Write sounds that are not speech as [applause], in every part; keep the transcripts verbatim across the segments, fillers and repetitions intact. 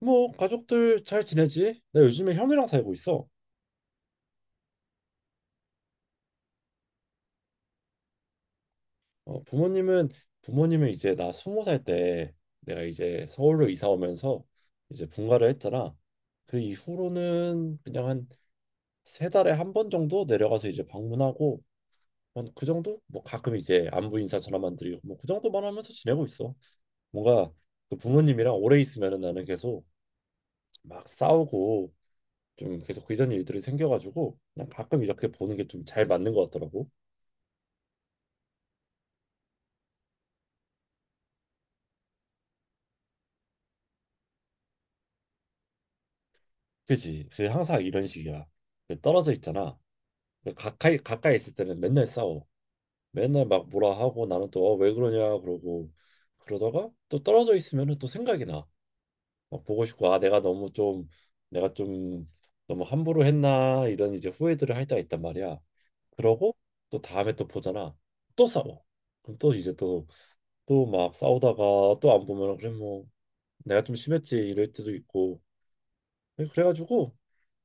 뭐 가족들 잘 지내지? 나 요즘에 형이랑 살고 있어. 어, 부모님은 부모님은 이제 나 스무 살 때 내가 이제 서울로 이사 오면서 이제 분가를 했잖아. 그 이후로는 그냥 한 세 달에 한 번 정도 내려가서 이제 방문하고 한 그 정도? 뭐 가끔 이제 안부 인사 전화만 드리고 뭐 그 정도만 하면서 지내고 있어. 뭔가 그 부모님이랑 오래 있으면은 나는 계속 막 싸우고 좀 계속 이런 일들이 생겨가지고 그냥 가끔 이렇게 보는 게 좀 잘 맞는 것 같더라고. 그지? 그 항상 이런 식이야. 그 떨어져 있잖아. 그 가까이 가까이 있을 때는 맨날 싸워. 맨날 막 뭐라 하고 나는 또 "어, 왜 그러냐" 그러고 그러다가 또 떨어져 있으면은 또 생각이 나. 막 보고 싶고 아 내가 너무 좀 내가 좀 너무 함부로 했나 이런 이제 후회들을 할 때가 있단 말이야. 그러고 또 다음에 또 보잖아. 또 싸워. 그럼 또 이제 또 또 막 싸우다가 또 안 보면 그래 뭐 내가 좀 심했지 이럴 때도 있고 그래가지고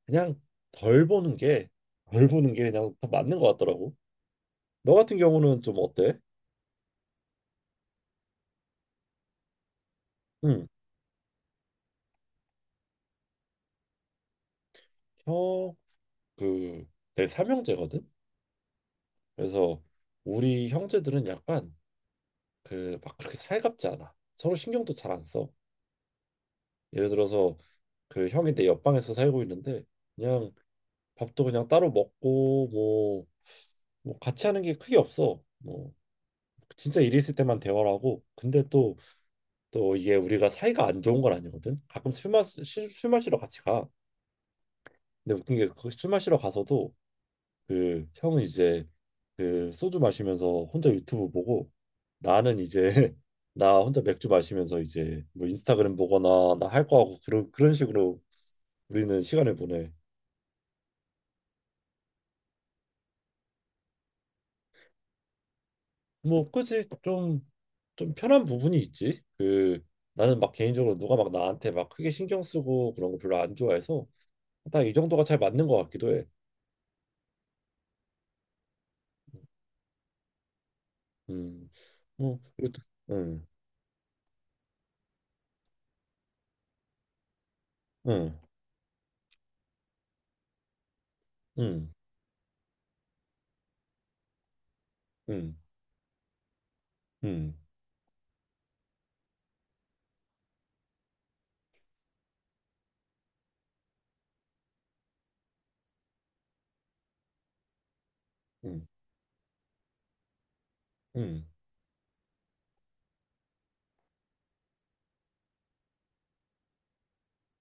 그냥 덜 보는 게, 덜 보는 게 그냥 더 맞는 것 같더라고. 너 같은 경우는 좀 어때? 응, 형, 그, 내 삼형제거든? 그래서 우리 형제들은 약간 그 막 그렇게 살갑지 않아. 서로 신경도 잘 안 써. 예를 들어서 그 형이 내 옆방에서 살고 있는데 그냥 밥도 그냥 따로 먹고 뭐, 뭐 같이 하는 게 크게 없어. 뭐 진짜 일이 있을 때만 대화를 하고 근데 또 또 이게 우리가 사이가 안 좋은 건 아니거든. 가끔 술 마시 시- 술 마시러 같이 가. 근데 웃긴 게술 마시러 가서도 그 형은 이제 그 소주 마시면서 혼자 유튜브 보고 나는 이제 [laughs] 나 혼자 맥주 마시면서 이제 뭐 인스타그램 보거나 나 할 거 하고 그런 그런 식으로 우리는 시간을 보내. 뭐 그치 좀좀 편한 부분이 있지. 그 나는 막 개인적으로 누가 막 나한테 막 크게 신경 쓰고 그런 거 별로 안 좋아해서 딱 이 정도가 잘 맞는 것 같기도 해. 음. 어, 이것도, 응, 응, 응, 응, 응, 응, 응,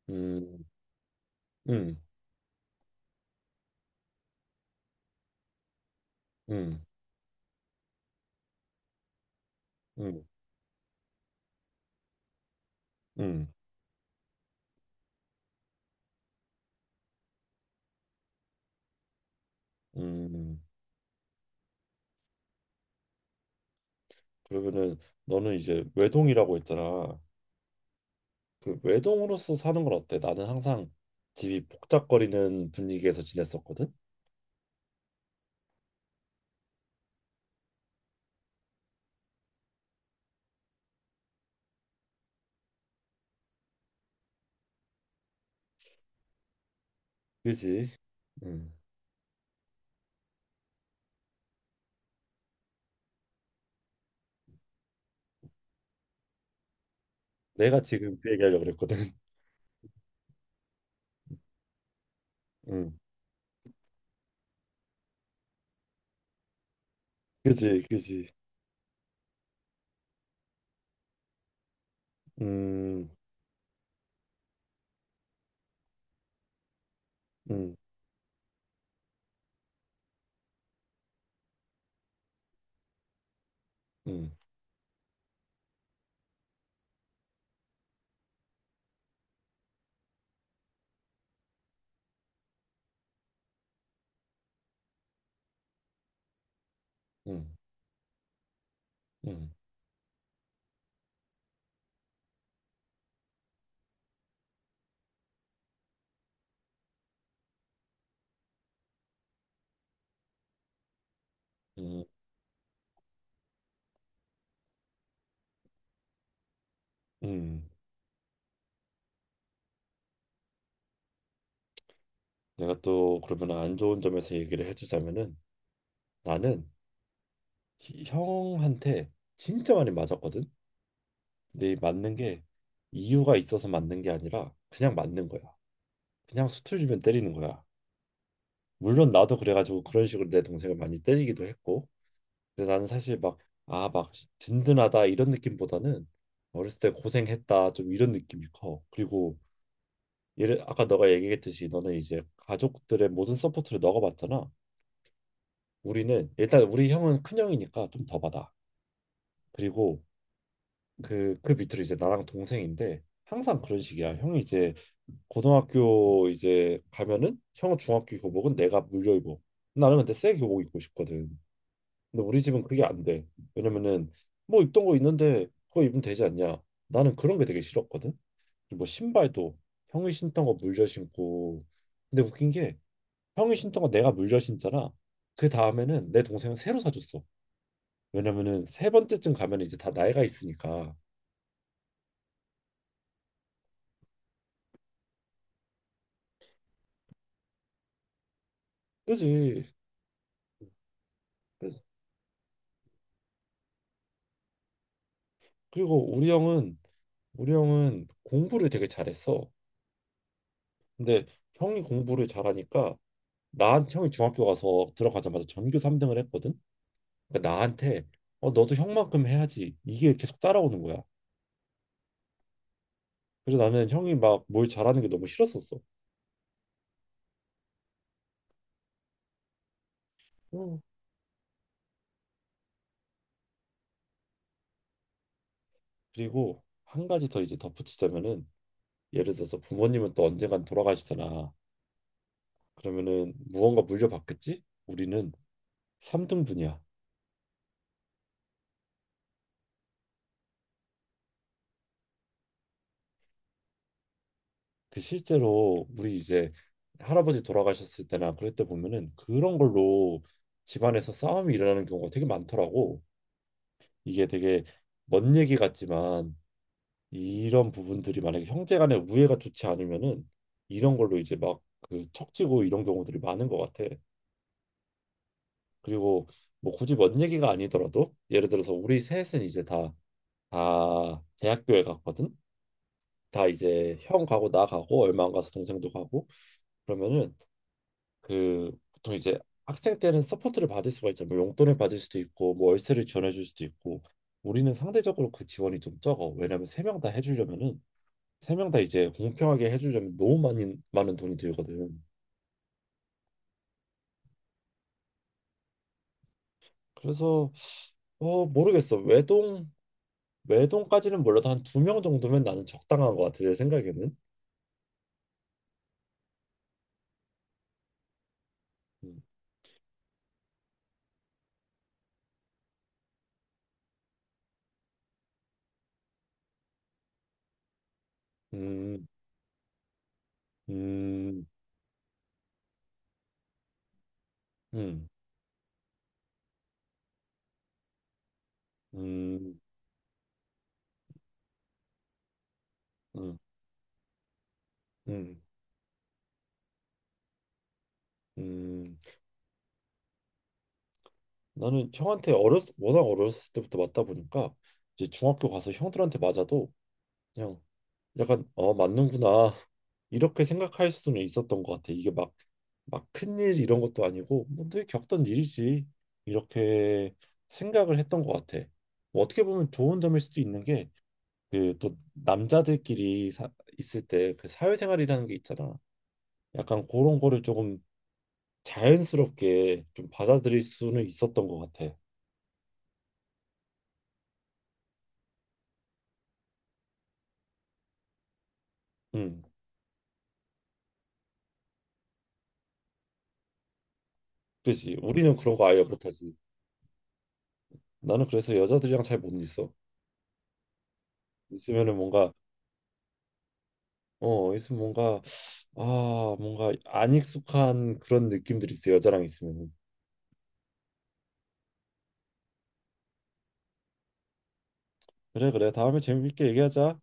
응, 응, 응, 응, 응, 응. 그러면은 너는 이제 외동이라고 했잖아. 그 외동으로서 사는 건 어때? 나는 항상 집이 복잡거리는 분위기에서 지냈었거든. 그지? 응. 내가 지금 그 얘기하려고 그랬거든. [laughs] 응. 그지, 그지. 음, 음, 음, 음, 음, 음, 음. 내가 또 그러면 안 좋은 점에서 얘기를 해주자면은 나는 히- 형한테 진짜 많이 맞았거든. 근데 이 맞는 게 이유가 있어서 맞는 게 아니라 그냥 맞는 거야. 그냥 수틀 주면 때리는 거야. 물론 나도 그래가지고 그런 식으로 내 동생을 많이 때리기도 했고. 근데 나는 사실 막 아, 막 든든하다 이런 느낌보다는 어렸을 때 고생했다 좀 이런 느낌이 커. 그리고 예를 아까 너가 얘기했듯이 너는 이제 가족들의 모든 서포트를 너가 받잖아. 우리는 일단 우리 형은 큰 형이니까 좀 더 받아. 그리고 그 그 밑으로 이제 나랑 동생인데 항상 그런 식이야. 형이 이제 고등학교 이제 가면은 형은 중학교 교복은 내가 물려 입어. 나는 근데 새 교복 입고 싶거든. 근데 우리 집은 그게 안 돼. 왜냐면은 뭐 입던 거 있는데 그거 입으면 되지 않냐. 나는 그런 게 되게 싫었거든. 뭐 신발도 형이 신던 거 물려 신고. 근데 웃긴 게 형이 신던 거 내가 물려 신잖아. 그 다음에는 내 동생은 새로 사줬어. 왜냐면은 세 번째쯤 가면 이제 다 나이가 있으니까. 그지? 그래서- 그리고 우리 형은 우리 형은 공부를 되게 잘했어. 근데 형이 공부를 잘하니까 나 형이 중학교 가서 들어가자마자 전교 삼 등을 했거든. 그러니까 나한테 어 너도 형만큼 해야지. 이게 계속 따라오는 거야. 그래서 나는 형이 막 뭘 잘하는 게 너무 싫었었어. 어. 그리고 한 가지 더 이제 덧붙이자면은 예를 들어서 부모님은 또 언젠간 돌아가시잖아. 그러면은 무언가 물려받겠지? 우리는 삼 등분이야. 그 실제로 우리 이제 할아버지 돌아가셨을 때나 그럴 때 보면은 그런 걸로 집안에서 싸움이 일어나는 경우가 되게 많더라고. 이게 되게 먼 얘기 같지만 이런 부분들이 만약에 형제 간의 우애가 좋지 않으면은 이런 걸로 이제 막 그 척지고 이런 경우들이 많은 것 같아. 그리고 뭐 굳이 먼 얘기가 아니더라도 예를 들어서 우리 셋은 이제 다 다 대학교에 갔거든. 다 이제 형 가고 나 가고 얼마 안 가서 동생도 가고 그러면은 그 보통 이제 학생 때는 서포트를 받을 수가 있죠. 뭐 용돈을 받을 수도 있고 뭐 월세를 지원해줄 수도 있고 우리는 상대적으로 그 지원이 좀 적어. 왜냐면 세 명 다 해주려면은 세 명 다 이제 공평하게 해주려면 너무 많이 많은 돈이 들거든. 그래서 어 모르겠어. 외동 외동까지는 몰라도 한 두 명 정도면 나는 적당한 것 같아 내 생각에는. 음, 음, 음, 음, 음, 음, 음, 음. 나는 형한테 어렸 워낙 어렸을 때부터 맞다 보니까 이제 중학교 가서 형들한테 맞아도 그냥 약간 어 맞는구나 [laughs] 이렇게 생각할 수는 있었던 것 같아. 이게 막 막 큰일 이런 것도 아니고 뭐 늘 겪던 일이지 이렇게 생각을 했던 것 같아. 뭐 어떻게 보면 좋은 점일 수도 있는 게 그 또 남자들끼리 사, 있을 때 그 사회생활이라는 게 있잖아. 약간 그런 거를 조금 자연스럽게 좀 받아들일 수는 있었던 것 같아. 음. 그지 우리는 그런 거 아예 못하지 나는 그래서 여자들이랑 잘 못 있어 있으면은 뭔가 어 있으면 뭔가 아 뭔가 안 익숙한 그런 느낌들이 있어 여자랑 있으면은 그래 그래 다음에 재밌게 얘기하자